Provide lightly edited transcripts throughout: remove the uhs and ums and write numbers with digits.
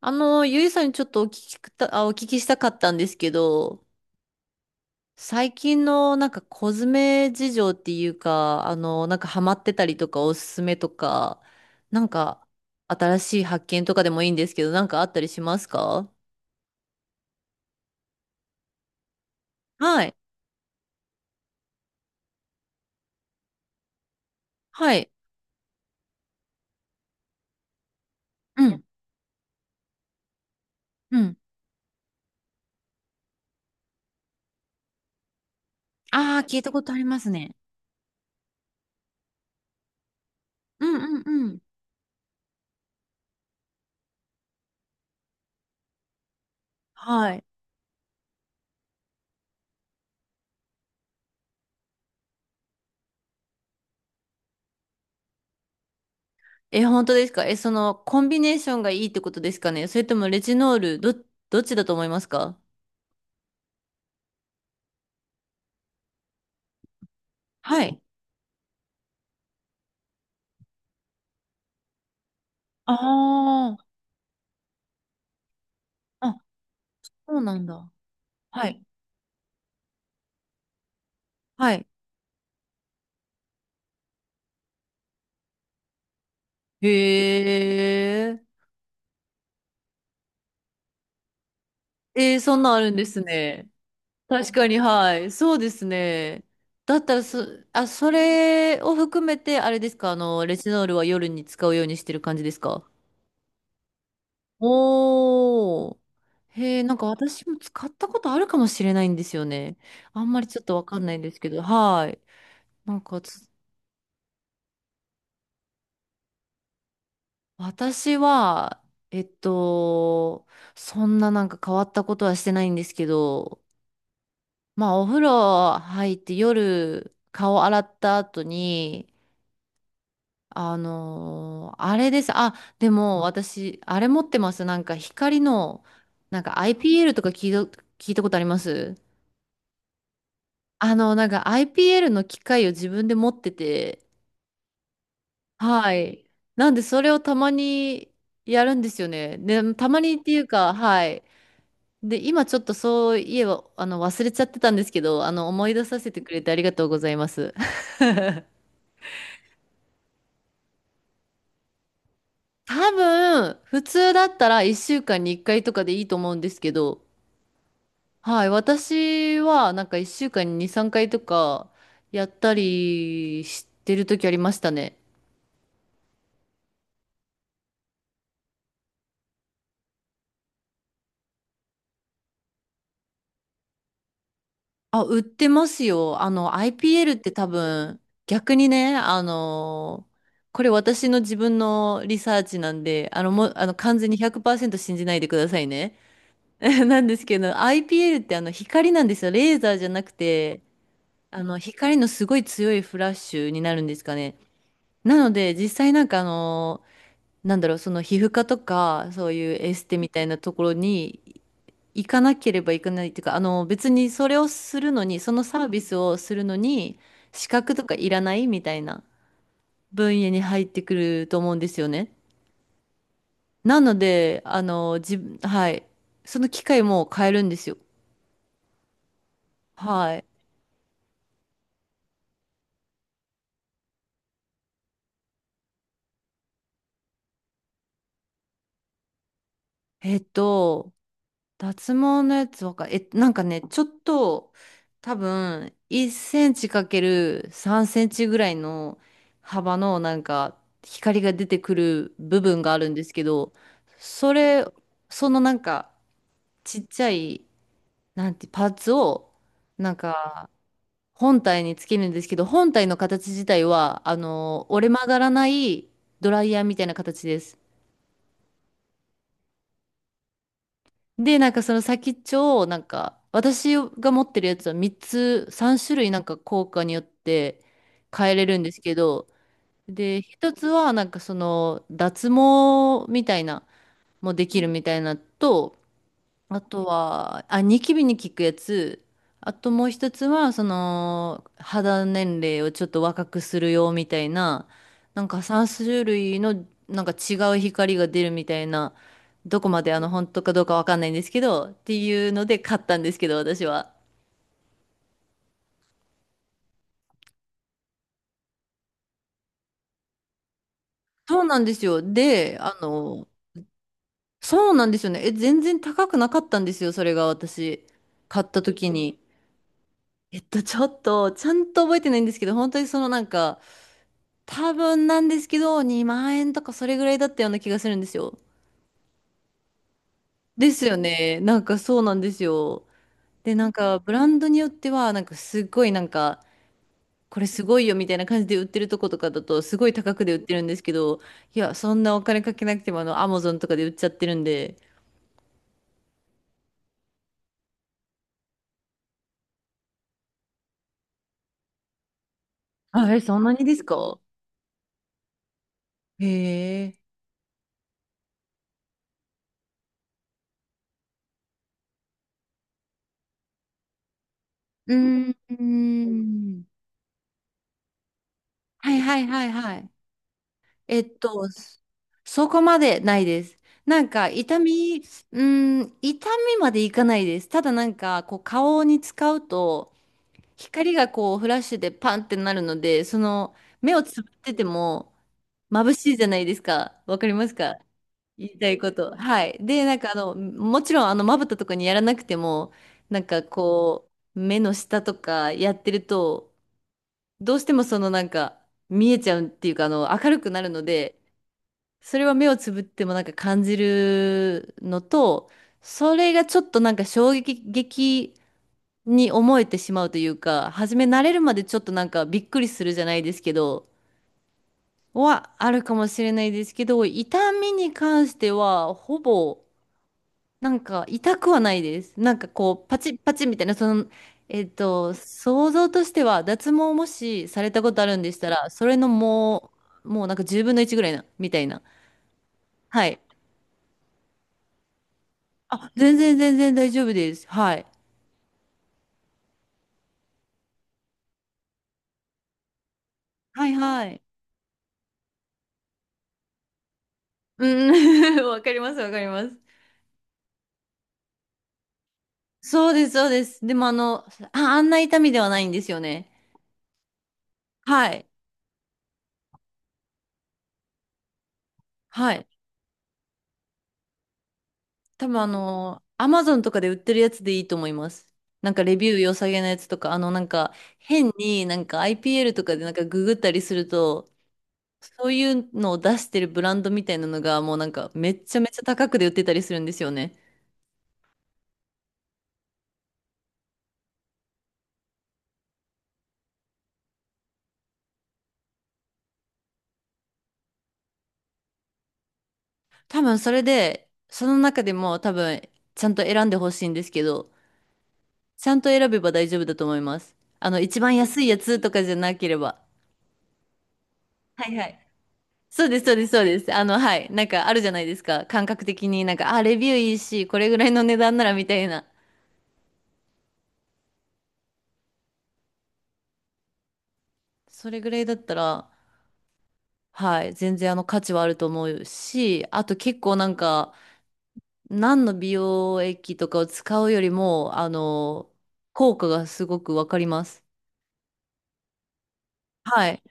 ゆいさんにちょっとお聞きしたかったんですけど、最近のなんかコスメ事情っていうか、なんかハマってたりとかおすすめとか、なんか新しい発見とかでもいいんですけど、なんかあったりしますか？はい。はい。うん。うん。ああ、聞いたことありますね。うんうんうん。はい。え、本当ですか？その、コンビネーションがいいってことですかね？それともレジノール、どっちだと思いますか？はい。ああ。そうなんだ。はい。はい。へえ。えー、そんなんあるんですね。確かに、はい。そうですね。だったらそ、あ、それを含めて、あれですか、レチノールは夜に使うようにしてる感じですか？おー。へえ、なんか私も使ったことあるかもしれないんですよね。あんまりちょっとわかんないんですけど、はい。なんかつ、私は、えっと、そんななんか変わったことはしてないんですけど、まあ、お風呂入って夜顔洗った後に、あれです。あ、でも私、あれ持ってます。なんか光の、なんか IPL とか聞いたことあります？なんか IPL の機械を自分で持ってて、はい。なんでそれをたまにやるんですよね。で、たまにっていうか、はい。で、今ちょっとそういえば、忘れちゃってたんですけど、思い出させてくれてありがとうございます。多分、普通だったら1週間に1回とかでいいと思うんですけど、はい、私はなんか1週間に2、3回とかやったりしてる時ありましたね。あ、売ってますよ。IPL って多分、逆にね、これ私の自分のリサーチなんで、もう、完全に100%信じないでくださいね。なんですけど、IPL って光なんですよ。レーザーじゃなくて、光のすごい強いフラッシュになるんですかね。なので、実際なんかなんだろう、その皮膚科とか、そういうエステみたいなところに行かなければいけないっていうか、別にそれをするのに、そのサービスをするのに、資格とかいらないみたいな分野に入ってくると思うんですよね。なので、自分、はい。その機械も変えるんですよ。はい。えっと、脱毛のやつわか、え、なんかね、ちょっと、多分、1センチかける3センチぐらいの幅の、なんか、光が出てくる部分があるんですけど、それ、そのなんか、ちっちゃい、なんて、パーツを、なんか、本体につけるんですけど、本体の形自体は、折れ曲がらないドライヤーみたいな形です。で、なんかその先っちょを、なんか、私が持ってるやつは3つ、3種類なんか効果によって変えれるんですけど、で、一つはなんかその脱毛みたいな、もできるみたいなと、あとは、あ、ニキビに効くやつ。あともう一つは、その、肌年齢をちょっと若くするよみたいな、なんか3種類の、なんか違う光が出るみたいな、どこまで本当かどうかわかんないんですけど、っていうので買ったんですけど、私は。そうなんですよ。で、そうなんですよね。え、全然高くなかったんですよ、それが私、買った時に。ちょっと、ちゃんと覚えてないんですけど、本当にそのなんか、多分なんですけど、2万円とかそれぐらいだったような気がするんですよ。ですよね。なんかそうなんですよ。で、なんかブランドによっては、なんかすごいなんか、これすごいよみたいな感じで売ってるとことかだと、すごい高くで売ってるんですけど、いや、そんなお金かけなくても、アマゾンとかで売っちゃってるんで。あ、え、そんなにですか？へえ。うーん。はいはいはいはい。えっと、そそこまでないです。なんか痛み、うん、痛みまでいかないです。ただなんかこう顔に使うと光がこうフラッシュでパンってなるので、その目をつぶってても眩しいじゃないですか。わかりますか？言いたいこと。はい。で、なんかもちろんまぶたとかにやらなくても、なんかこう目の下とかやってると、どうしてもそのなんか見えちゃうっていうか明るくなるので、それは目をつぶってもなんか感じるのと、それがちょっとなんか衝撃的に思えてしまうというか、初め慣れるまでちょっとなんかびっくりするじゃないですけど、はあるかもしれないですけど、痛みに関してはほぼなんか痛くはないです。なんかこうパチッパチッみたいな、その、想像としては脱毛をもしされたことあるんでしたら、それのもうなんか10分の1ぐらいな、みたいな。はい。あ、全然全然大丈夫です。はい。はいはい。うん、わかりますわかります。そうです、そうです。でもあんな痛みではないんですよね。はい。はい。多分アマゾンとかで売ってるやつでいいと思います。なんかレビュー良さげなやつとか、なんか変になんか IPL とかでなんかググったりすると、そういうのを出してるブランドみたいなのがもうなんかめっちゃめちゃ高くで売ってたりするんですよね。多分それで、その中でも多分ちゃんと選んでほしいんですけど、ちゃんと選べば大丈夫だと思います。一番安いやつとかじゃなければ。はいはい。そうです、そうです、そうです。はい。なんかあるじゃないですか。感覚的になんか、あ、レビューいいし、これぐらいの値段ならみたいな。それぐらいだったら、はい。全然価値はあると思うし、あと結構なんか、何の美容液とかを使うよりも、効果がすごくわかります。はい。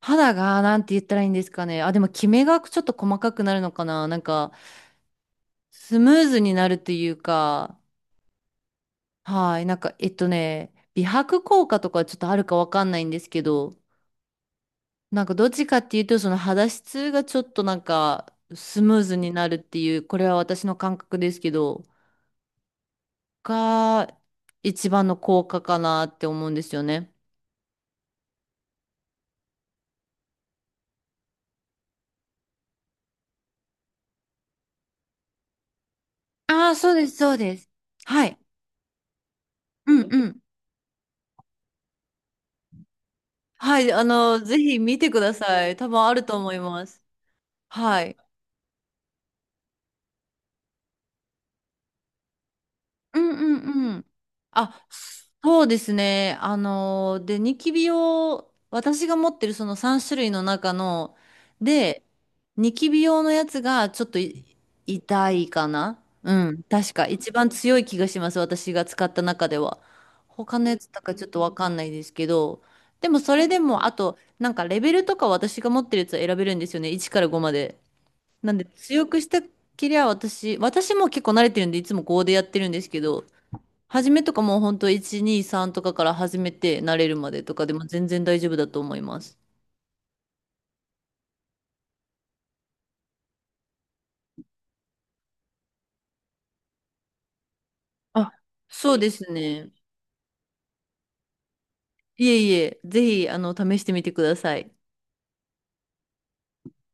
肌が、なんて言ったらいいんですかね。あ、でも、キメがちょっと細かくなるのかな。なんか、スムーズになるというか、はい。なんか、美白効果とかちょっとあるかわかんないんですけど、なんか、どっちかっていうと、その肌質がちょっとなんか、スムーズになるっていう、これは私の感覚ですけど、が、一番の効果かなって思うんですよね。ああ、そうです、そうです。はい。うんうん。はい。ぜひ見てください。多分あると思います。はい。うんうんうん。あ、そうですね。あので、ニキビ用、私が持ってるその3種類の中の、で、ニキビ用のやつがちょっと痛いかな、うん。確か。一番強い気がします。私が使った中では。他のやつとかちょっとわかんないですけど。でもそれでも、あと、なんかレベルとか私が持ってるやつを選べるんですよね。1から5まで。なんで強くしたきりゃ私も結構慣れてるんでいつも5でやってるんですけど、初めとかもうほんと1、2、3とかから始めて慣れるまでとかでも全然大丈夫だと思います。あ、そうですね。いえいえ、ぜひ試してみてください。